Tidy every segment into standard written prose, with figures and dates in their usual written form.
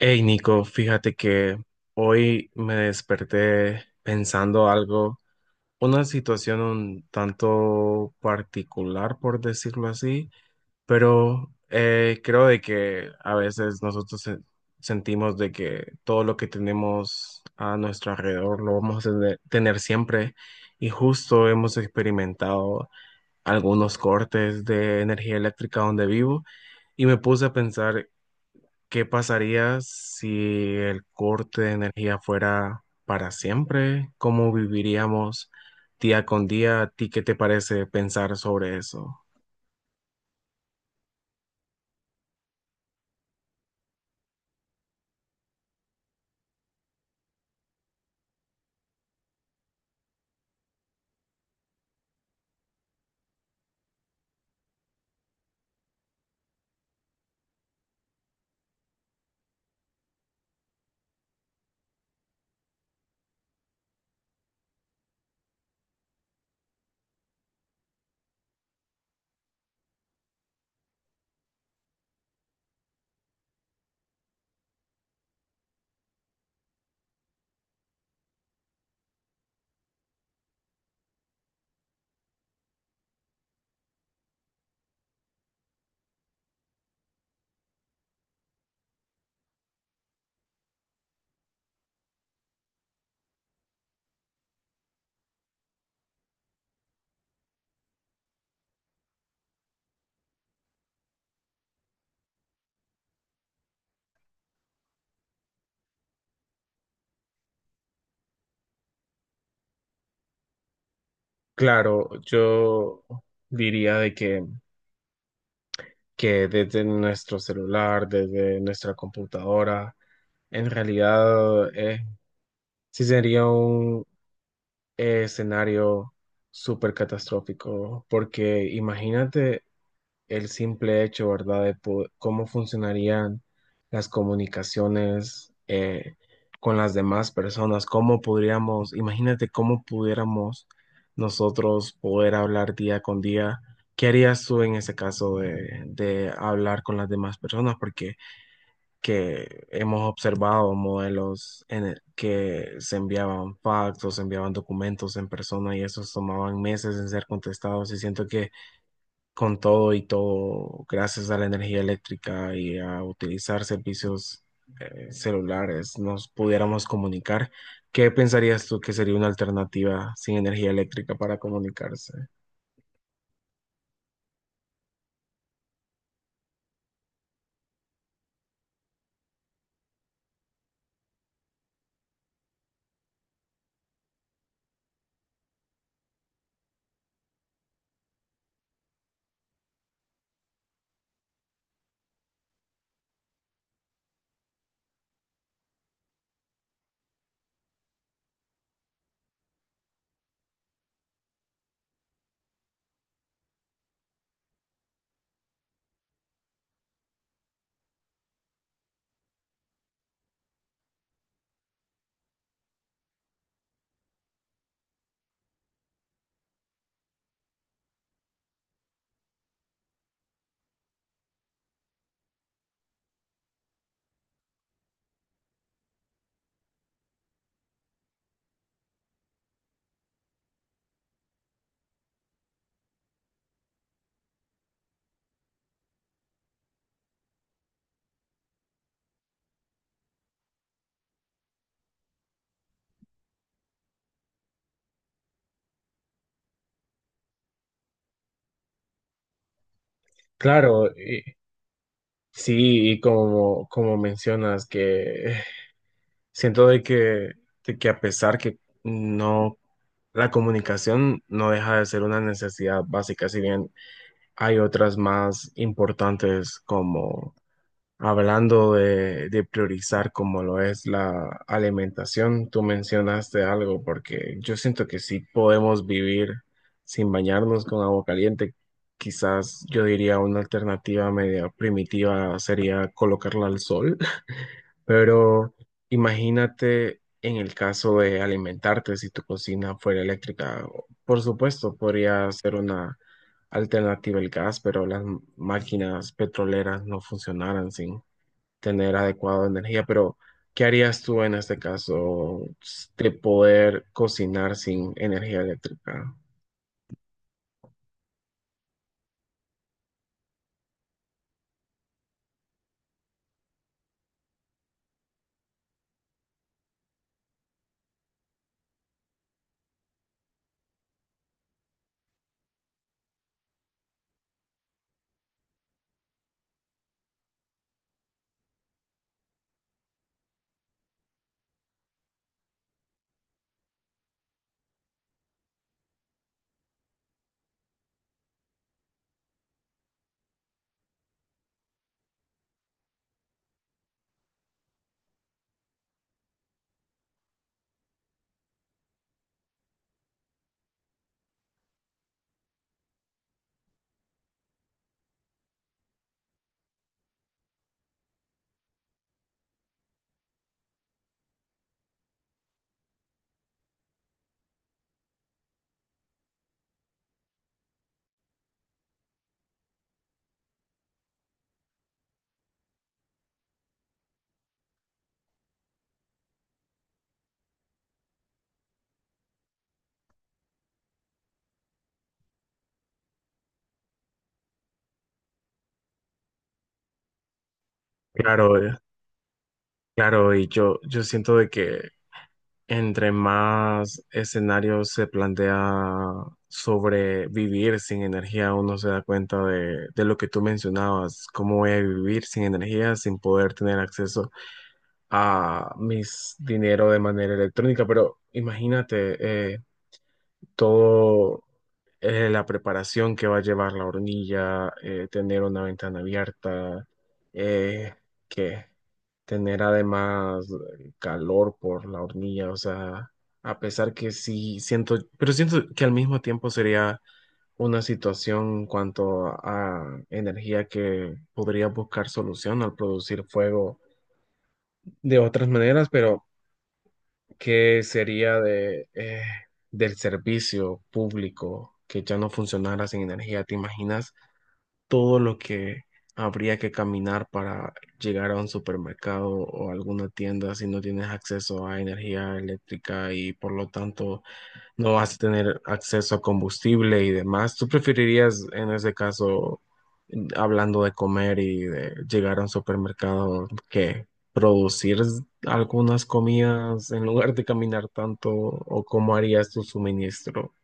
Hey Nico, fíjate que hoy me desperté pensando algo, una situación un tanto particular, por decirlo así, pero creo de que a veces nosotros sentimos de que todo lo que tenemos a nuestro alrededor lo vamos a tener, tener siempre y justo hemos experimentado algunos cortes de energía eléctrica donde vivo y me puse a pensar. ¿Qué pasaría si el corte de energía fuera para siempre? ¿Cómo viviríamos día con día? ¿A ti qué te parece pensar sobre eso? Claro, yo diría que desde nuestro celular, desde nuestra computadora, en realidad sí sería un escenario súper catastrófico, porque imagínate el simple hecho, ¿verdad?, de cómo funcionarían las comunicaciones con las demás personas, cómo podríamos, imagínate cómo pudiéramos nosotros poder hablar día con día. ¿Qué harías tú en ese caso de hablar con las demás personas? Porque que hemos observado modelos en el que se enviaban pactos, se enviaban documentos en persona y esos tomaban meses en ser contestados y siento que con todo y todo, gracias a la energía eléctrica y a utilizar servicios celulares, nos pudiéramos comunicar. ¿Qué pensarías tú que sería una alternativa sin energía eléctrica para comunicarse? Claro, sí, y como, como mencionas, que siento de que a pesar que no, la comunicación no deja de ser una necesidad básica, si bien hay otras más importantes como. Hablando de priorizar como lo es la alimentación, tú mencionaste algo porque yo siento que sí podemos vivir sin bañarnos con agua caliente. Quizás yo diría una alternativa media primitiva sería colocarla al sol, pero imagínate en el caso de alimentarte si tu cocina fuera eléctrica. Por supuesto, podría ser una alternativa el gas, pero las máquinas petroleras no funcionaran sin tener adecuada energía, pero ¿qué harías tú en este caso de poder cocinar sin energía eléctrica? Claro, claro, y yo siento de que entre más escenarios se plantea sobre vivir sin energía, uno se da cuenta de lo que tú mencionabas, cómo voy a vivir sin energía, sin poder tener acceso a mis dinero de manera electrónica, pero imagínate todo la preparación que va a llevar la hornilla, tener una ventana abierta, eh, que tener además calor por la hornilla, o sea, a pesar que sí siento, pero siento que al mismo tiempo sería una situación en cuanto a energía que podría buscar solución al producir fuego de otras maneras, pero ¿qué sería de del servicio público que ya no funcionara sin energía? ¿Te imaginas todo lo que habría que caminar para llegar a un supermercado o alguna tienda si no tienes acceso a energía eléctrica y por lo tanto no vas a tener acceso a combustible y demás? ¿Tú preferirías, en ese caso, hablando de comer y de llegar a un supermercado, que producir algunas comidas en lugar de caminar tanto o cómo harías tu suministro?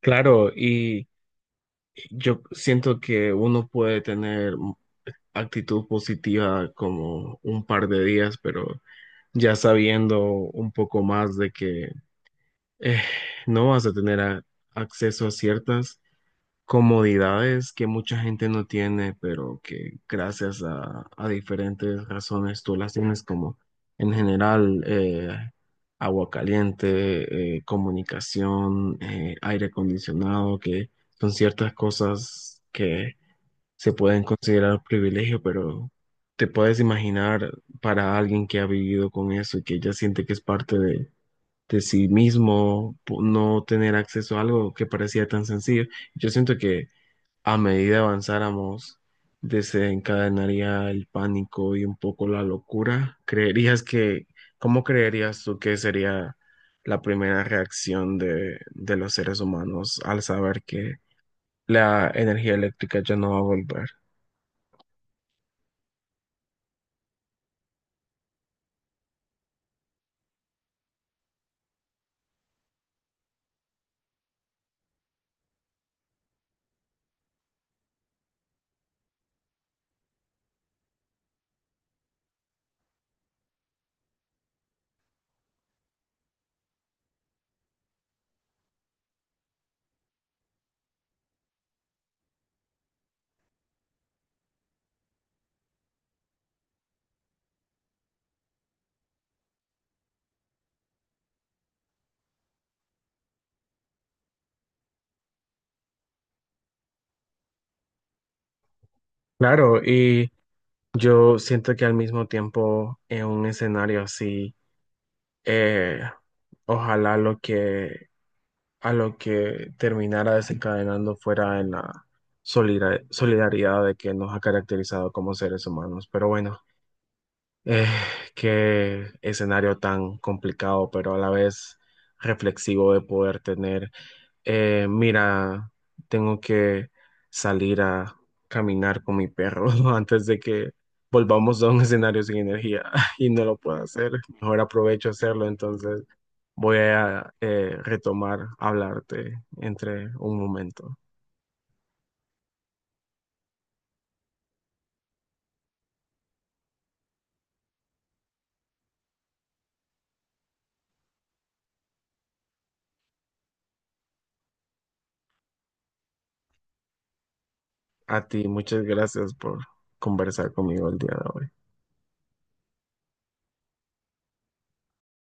Claro, y yo siento que uno puede tener actitud positiva como un par de días, pero ya sabiendo un poco más de que eh, no vas a tener acceso a ciertas comodidades que mucha gente no tiene, pero que gracias a diferentes razones tú las tienes, como en general agua caliente, comunicación, aire acondicionado, que son ciertas cosas que se pueden considerar privilegio, pero te puedes imaginar para alguien que ha vivido con eso y que ya siente que es parte de sí mismo, no tener acceso a algo que parecía tan sencillo. Yo siento que a medida avanzáramos, desencadenaría el pánico y un poco la locura. ¿Creerías que, cómo creerías tú que sería la primera reacción de los seres humanos al saber que la energía eléctrica ya no va a volver? Claro, y yo siento que al mismo tiempo en un escenario así, eh, ojalá lo que a lo que terminara desencadenando fuera en la solidaridad de que nos ha caracterizado como seres humanos. Pero bueno, eh, qué escenario tan complicado, pero a la vez reflexivo de poder tener. Mira, tengo que salir a caminar con mi perro antes de que volvamos a un escenario sin energía y no lo puedo hacer. Mejor aprovecho a hacerlo, entonces voy a retomar hablarte entre un momento. A ti, muchas gracias por conversar conmigo el día de hoy.